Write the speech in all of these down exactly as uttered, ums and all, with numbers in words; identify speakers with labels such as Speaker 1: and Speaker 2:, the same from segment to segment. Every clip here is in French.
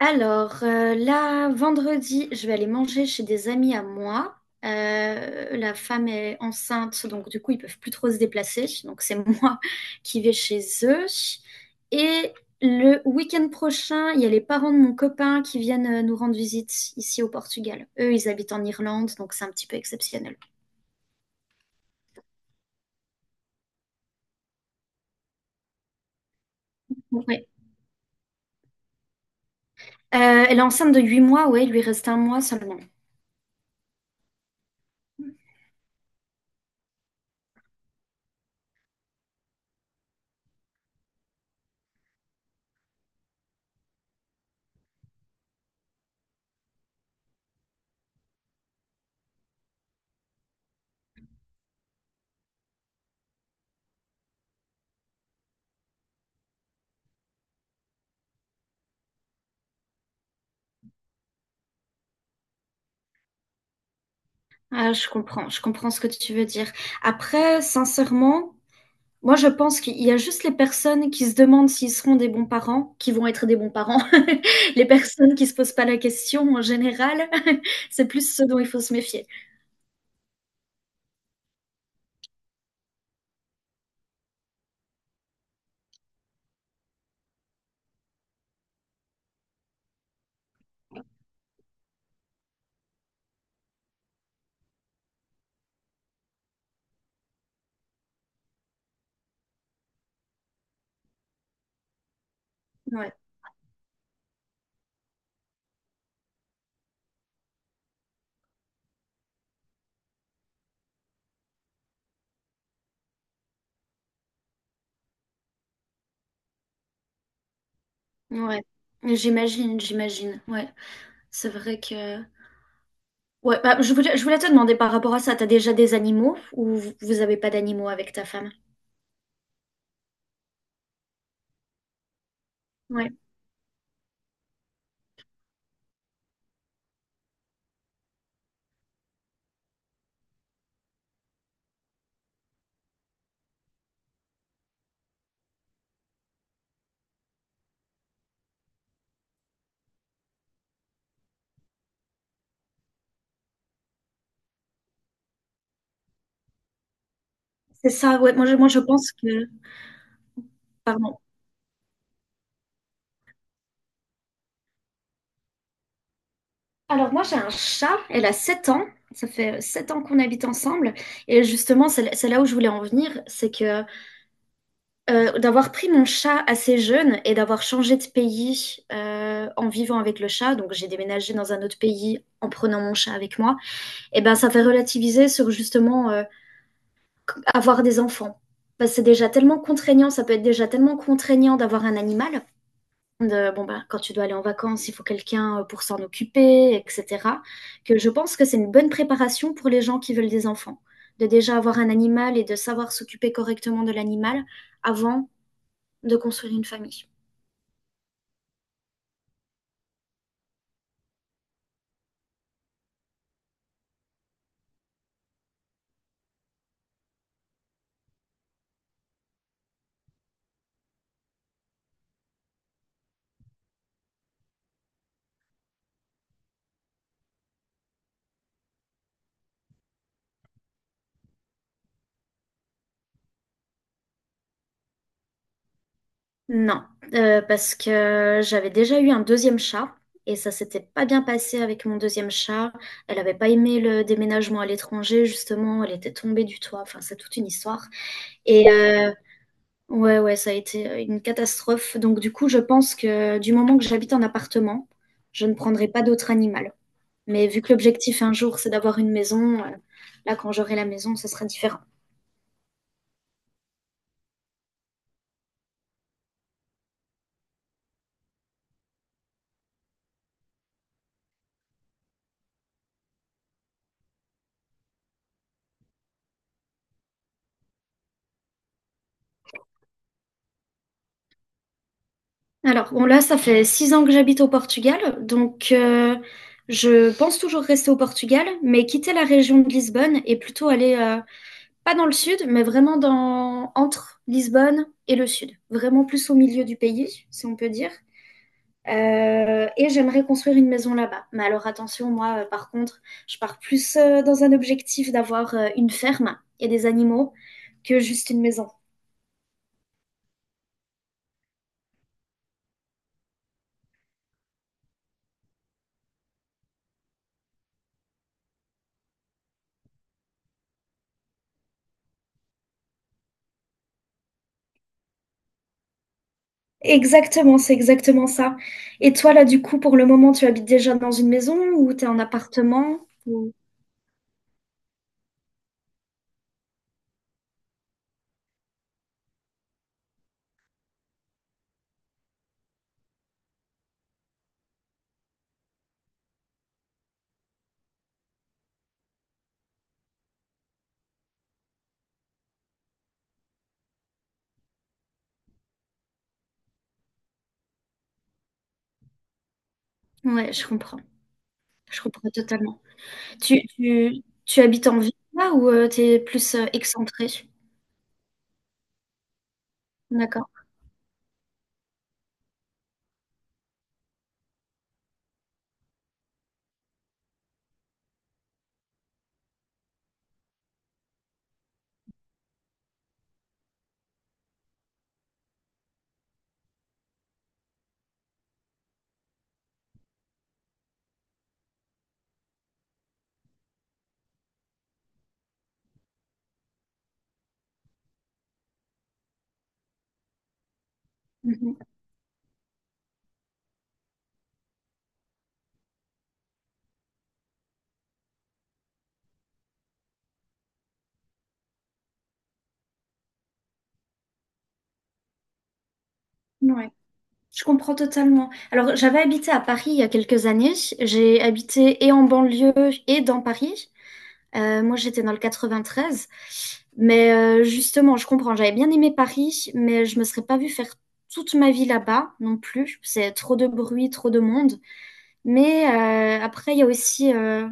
Speaker 1: Alors, euh, là, vendredi, je vais aller manger chez des amis à moi. Euh, la femme est enceinte, donc du coup, ils peuvent plus trop se déplacer. Donc, c'est moi qui vais chez eux. Et le week-end prochain, il y a les parents de mon copain qui viennent euh, nous rendre visite ici au Portugal. Eux, ils habitent en Irlande, donc c'est un petit peu exceptionnel. Ouais. Euh, elle est enceinte de huit mois, ouais, il lui reste un mois seulement. Ah, je comprends, je comprends ce que tu veux dire. Après, sincèrement, moi, je pense qu'il y a juste les personnes qui se demandent s'ils seront des bons parents, qui vont être des bons parents. Les personnes qui se posent pas la question en général, c'est plus ce dont il faut se méfier. Ouais, ouais. J'imagine, j'imagine. Ouais, c'est vrai que. Ouais, bah, je voulais, je voulais te demander par rapport à ça, t'as déjà des animaux ou vous vous avez pas d'animaux avec ta femme? Ouais, c'est ça. Ouais, moi, je, moi, je pense que. Pardon. Alors moi j'ai un chat, elle a sept ans, ça fait sept ans qu'on habite ensemble et justement c'est c'est là où je voulais en venir, c'est que euh, d'avoir pris mon chat assez jeune et d'avoir changé de pays euh, en vivant avec le chat, donc j'ai déménagé dans un autre pays en prenant mon chat avec moi, et ben ça fait relativiser sur justement euh, avoir des enfants. Parce que c'est déjà tellement contraignant, ça peut être déjà tellement contraignant d'avoir un animal. De, bon ben, quand tu dois aller en vacances, il faut quelqu'un euh, pour s'en occuper, et cetera. Que je pense que c'est une bonne préparation pour les gens qui veulent des enfants, de déjà avoir un animal et de savoir s'occuper correctement de l'animal avant de construire une famille. Non, euh, parce que j'avais déjà eu un deuxième chat et ça s'était pas bien passé avec mon deuxième chat. Elle avait pas aimé le déménagement à l'étranger, justement. Elle était tombée du toit. Enfin, c'est toute une histoire. Et euh, ouais, ouais, ça a été une catastrophe. Donc, du coup, je pense que du moment que j'habite en appartement, je ne prendrai pas d'autre animal. Mais vu que l'objectif un jour, c'est d'avoir une maison, euh, là, quand j'aurai la maison, ce sera différent. Alors, bon, là, ça fait six ans que j'habite au Portugal, donc euh, je pense toujours rester au Portugal, mais quitter la région de Lisbonne et plutôt aller, euh, pas dans le sud, mais vraiment dans, entre Lisbonne et le sud, vraiment plus au milieu du pays, si on peut dire. Euh, et j'aimerais construire une maison là-bas. Mais alors attention, moi, euh, par contre, je pars plus euh, dans un objectif d'avoir euh, une ferme et des animaux que juste une maison. Exactement, c'est exactement ça. Et toi, là, du coup, pour le moment, tu habites déjà dans une maison ou tu es en appartement ou... Ouais, je comprends. Je comprends totalement. Tu, tu, tu habites en ville là ou euh, t'es tu es plus euh, excentré? D'accord. Mhm. Ouais, je comprends totalement. Alors, j'avais habité à Paris il y a quelques années. J'ai habité et en banlieue et dans Paris. Euh, moi, j'étais dans le quatre-vingt-treize. Mais euh, justement, je comprends. J'avais bien aimé Paris, mais je me serais pas vue faire toute ma vie là-bas non plus. C'est trop de bruit, trop de monde. Mais euh, après, il y a aussi, euh,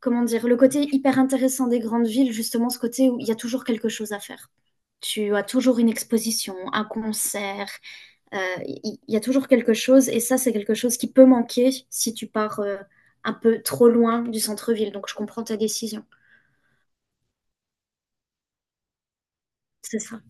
Speaker 1: comment dire, le côté hyper intéressant des grandes villes, justement, ce côté où il y a toujours quelque chose à faire. Tu as toujours une exposition, un concert. euh, Il il y, a toujours quelque chose, et ça, c'est quelque chose qui peut manquer si tu pars euh, un peu trop loin du centre-ville. Donc, je comprends ta décision. C'est ça.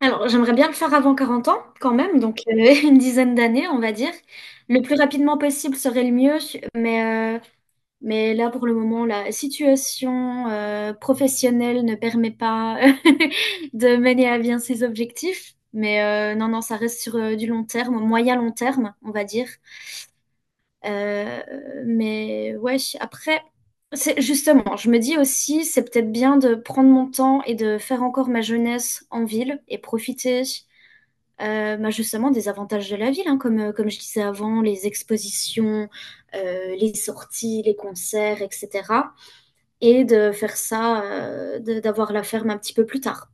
Speaker 1: Alors, j'aimerais bien le faire avant quarante ans, quand même, donc euh, une dizaine d'années, on va dire. Le plus rapidement possible serait le mieux, mais, euh, mais là, pour le moment, la situation euh, professionnelle ne permet pas de mener à bien ses objectifs. Mais euh, non, non, ça reste sur euh, du long terme, moyen-long terme, on va dire. Euh, mais ouais, après, c'est justement, je me dis aussi, c'est peut-être bien de prendre mon temps et de faire encore ma jeunesse en ville et profiter euh, bah, justement des avantages de la ville, hein, comme, euh, comme je disais avant, les expositions, euh, les sorties, les concerts, et cetera. Et de faire ça, euh, de- d'avoir la ferme un petit peu plus tard.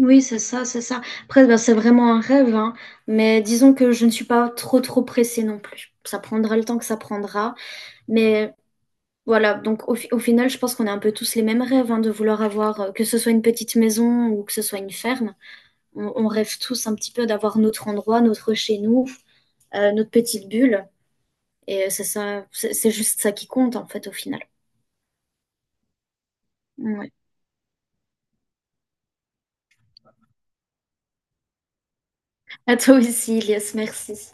Speaker 1: Oui, c'est ça, c'est ça. Après, bah, c'est vraiment un rêve, hein, mais disons que je ne suis pas trop, trop pressée non plus. Ça prendra le temps que ça prendra, mais voilà, donc au, fi- au final, je pense qu'on a un peu tous les mêmes rêves, hein, de vouloir avoir, euh, que ce soit une petite maison ou que ce soit une ferme. On, on rêve tous un petit peu d'avoir notre endroit, notre chez nous, euh, notre petite bulle. Et euh, c'est ça, c'est c'est juste ça qui compte en fait au final. Ouais. À toi aussi, Elias, merci.